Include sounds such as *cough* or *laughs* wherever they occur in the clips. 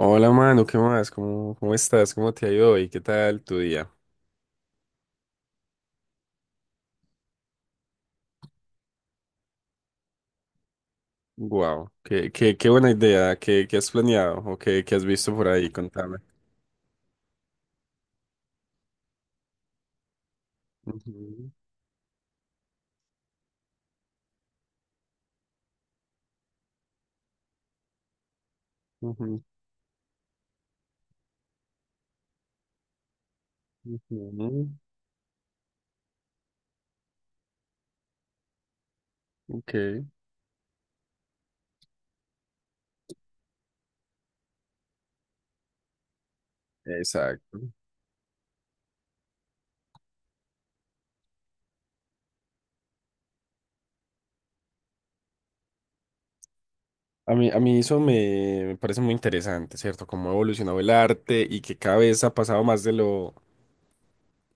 Hola, mano, ¿qué más? ¿Cómo estás? ¿Cómo te ha ido hoy? ¿Qué tal tu día? Wow, qué buena idea. ¿Qué has planeado o qué has visto por ahí? Contame. Ujú, ujú, ujú. Ok, exacto. A mí eso me parece muy interesante, ¿cierto? Cómo ha evolucionado el arte y que cada vez ha pasado más de lo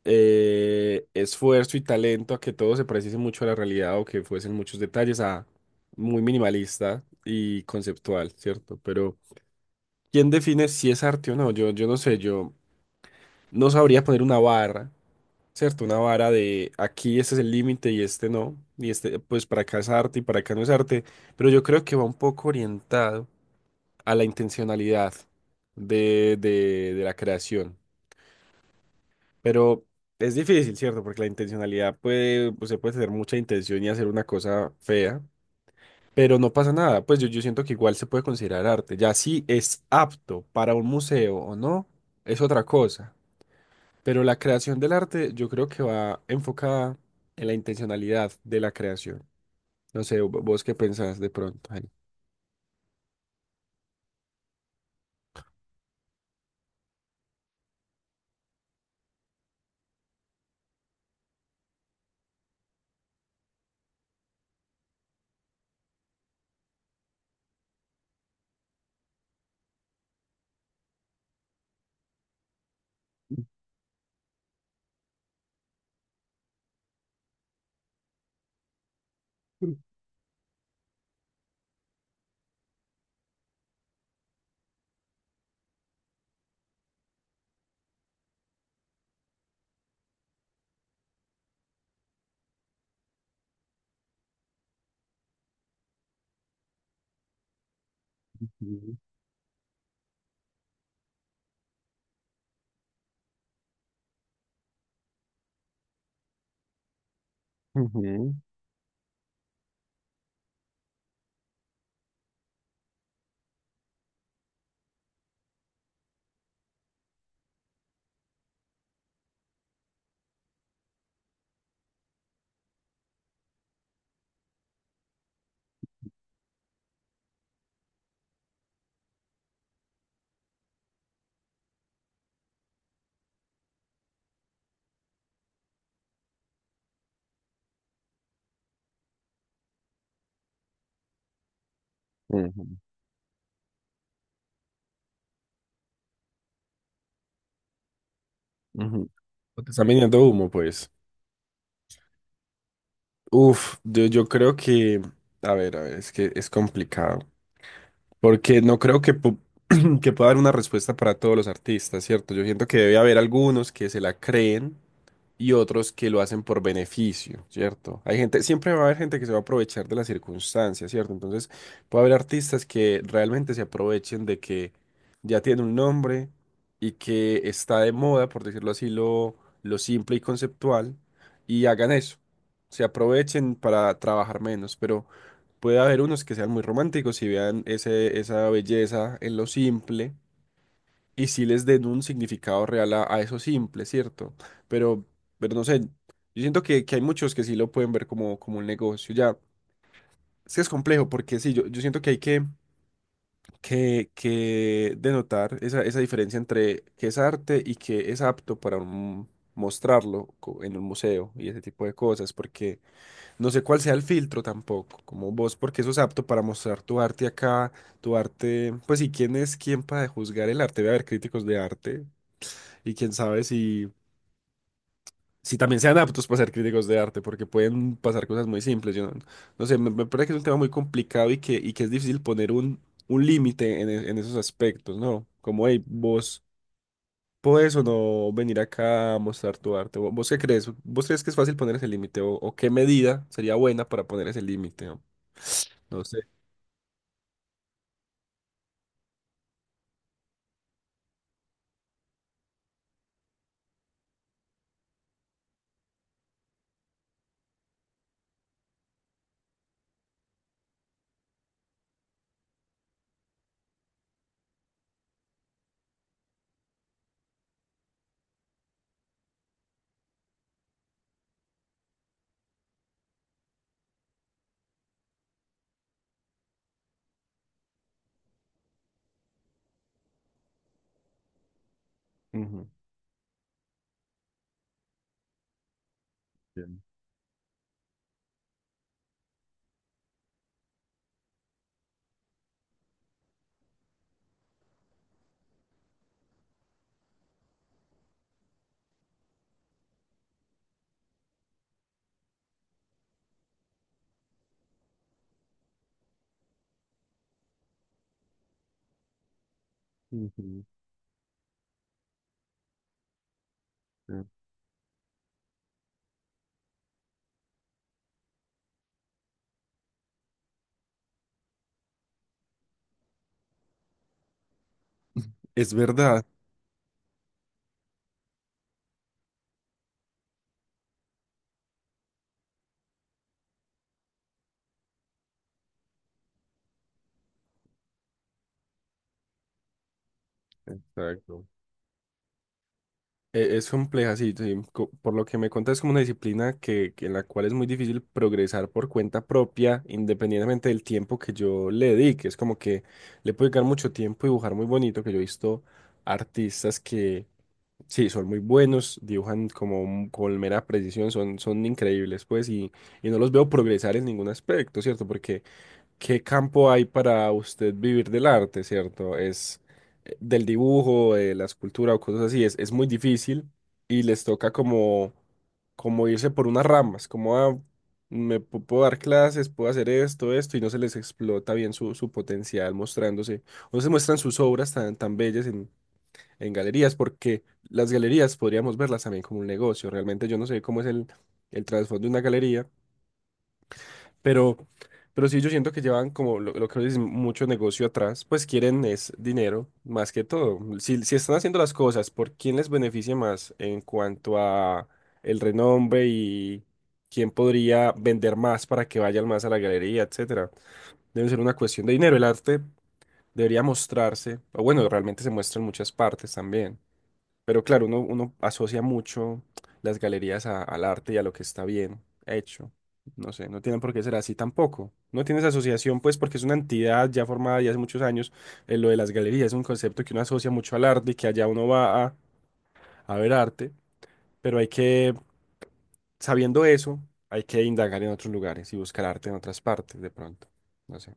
esfuerzo y talento a que todo se pareciese mucho a la realidad o que fuesen muchos detalles a muy minimalista y conceptual, ¿cierto? Pero ¿quién define si es arte o no? Yo no sé, yo no sabría poner una barra, ¿cierto? Una vara de aquí, este es el límite y este no, y este pues para acá es arte y para acá no es arte, pero yo creo que va un poco orientado a la intencionalidad de la creación. Pero es difícil, ¿cierto? Porque la intencionalidad puede, pues se puede tener mucha intención y hacer una cosa fea, pero no pasa nada, pues yo siento que igual se puede considerar arte. Ya si es apto para un museo o no, es otra cosa. Pero la creación del arte yo creo que va enfocada en la intencionalidad de la creación. No sé, vos qué pensás de pronto ahí. Ujú, ujú, ujú, ujú. O te están vendiendo humo, pues. Uf, yo creo que, a ver, es que es complicado. Porque no creo que, *clears throat* que pueda haber una respuesta para todos los artistas, ¿cierto? Yo siento que debe haber algunos que se la creen y otros que lo hacen por beneficio, ¿cierto? Hay gente, siempre va a haber gente que se va a aprovechar de las circunstancias, ¿cierto? Entonces, puede haber artistas que realmente se aprovechen de que ya tiene un nombre y que está de moda, por decirlo así, lo simple y conceptual, y hagan eso. Se aprovechen para trabajar menos, pero... Puede haber unos que sean muy románticos y vean esa belleza en lo simple y sí les den un significado real a eso simple, ¿cierto? Pero, pero no sé, yo siento que hay muchos que sí lo pueden ver como, como un negocio. Ya, es que es complejo porque sí, yo siento que hay que, que denotar esa diferencia entre qué es arte y qué es apto para mostrarlo en un museo y ese tipo de cosas, porque... No sé cuál sea el filtro tampoco, como vos, porque eso es apto para mostrar tu arte acá, tu arte, pues sí, quién es quién para juzgar el arte, debe haber críticos de arte y quién sabe si, si también sean aptos para ser críticos de arte, porque pueden pasar cosas muy simples, yo no, no sé, me parece que es un tema muy complicado y que es difícil poner un límite en, en esos aspectos, ¿no? Como, hey, vos podés o no venir acá a mostrar tu arte. ¿Vos qué crees? ¿Vos crees que es fácil poner ese límite o qué medida sería buena para poner ese límite, ¿no? No sé. Ujú. Bien. Ujú. Eh, es verdad. Exacto. Es compleja, sí, sí, por lo que me cuentas, es como una disciplina que en la cual es muy difícil progresar por cuenta propia, independientemente del tiempo que yo le dedique. Es como que le puedo dedicar mucho tiempo y dibujar muy bonito, que yo he visto artistas que sí, son muy buenos, dibujan como con mera precisión, son, son increíbles, pues, y no los veo progresar en ningún aspecto, ¿cierto? Porque ¿qué campo hay para usted vivir del arte, cierto? Es del dibujo, de la escultura o cosas así. Es muy difícil y les toca como, como irse por unas ramas, como "Ah, me puedo dar clases, puedo hacer esto, esto", y no se les explota bien su, su potencial mostrándose. O se muestran sus obras tan, tan bellas en galerías, porque las galerías podríamos verlas también como un negocio. Realmente yo no sé cómo es el trasfondo de una galería, pero, pero sí, yo siento que llevan como lo que dicen, mucho negocio atrás, pues quieren es dinero más que todo. Si, si están haciendo las cosas, ¿por quién les beneficia más en cuanto a el renombre y quién podría vender más para que vayan más a la galería, etcétera? Debe ser una cuestión de dinero. El arte debería mostrarse, o bueno, realmente se muestra en muchas partes también. Pero claro, uno asocia mucho las galerías al arte y a lo que está bien hecho. No sé, no tienen por qué ser así tampoco. No tiene esa asociación, pues, porque es una entidad ya formada ya hace muchos años. Lo de las galerías es un concepto que uno asocia mucho al arte y que allá uno va a ver arte. Pero hay que, sabiendo eso, hay que indagar en otros lugares y buscar arte en otras partes de pronto. No sé.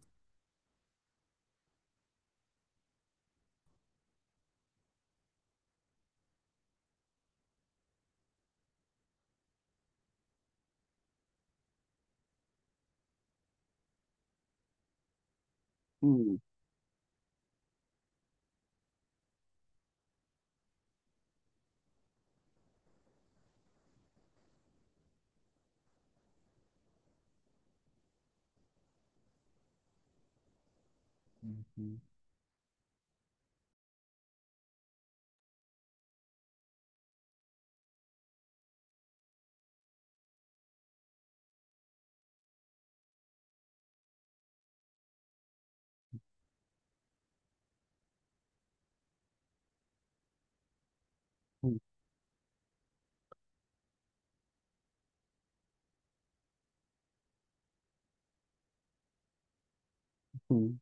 Ujú.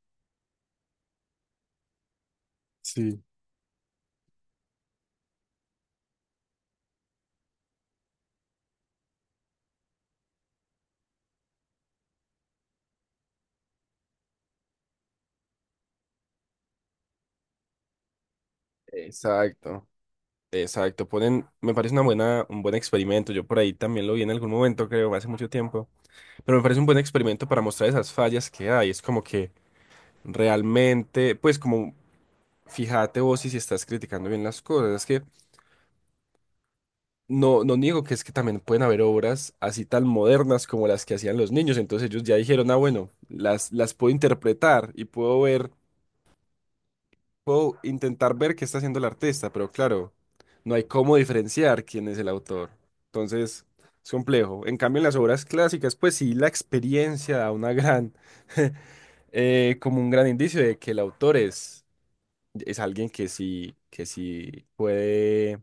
Sí. Exacto. Exacto, ponen, me parece una buena, un buen experimento. Yo por ahí también lo vi en algún momento, creo, hace mucho tiempo. Pero me parece un buen experimento para mostrar esas fallas que hay. Es como que realmente, pues como fíjate vos si, si estás criticando bien las cosas. Es que no, no niego que es que también pueden haber obras así tan modernas como las que hacían los niños. Entonces ellos ya dijeron, ah, bueno, las puedo interpretar y puedo ver, puedo intentar ver qué está haciendo el artista, pero claro, no hay cómo diferenciar quién es el autor. Entonces, es complejo. En cambio, en las obras clásicas, pues sí, la experiencia da una gran, *laughs* como un gran indicio de que el autor es alguien que sí puede,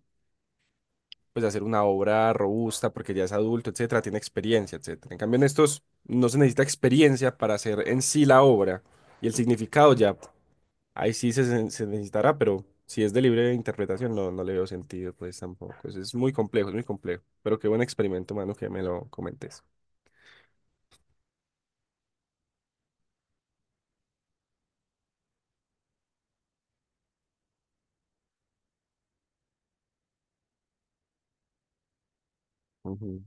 pues, hacer una obra robusta porque ya es adulto, etcétera, tiene experiencia, etcétera. En cambio, en estos no se necesita experiencia para hacer en sí la obra y el significado ya. Ahí sí necesitará, pero si es de libre interpretación, no, no le veo sentido, pues tampoco. Es muy complejo, es muy complejo. Pero qué buen experimento, mano, que me lo comentes. Ujú,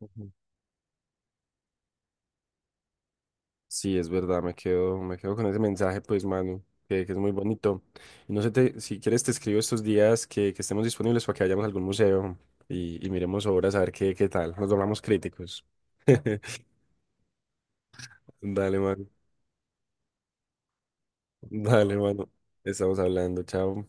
ujú. Sí, es verdad, me quedo con ese mensaje, pues, mano, que es muy bonito. Y no sé, si quieres, te escribo estos días que estemos disponibles para que vayamos a algún museo y miremos obras a ver qué, qué tal. Nos volvamos críticos. *laughs* Dale, mano. Dale, mano. Estamos hablando, chao.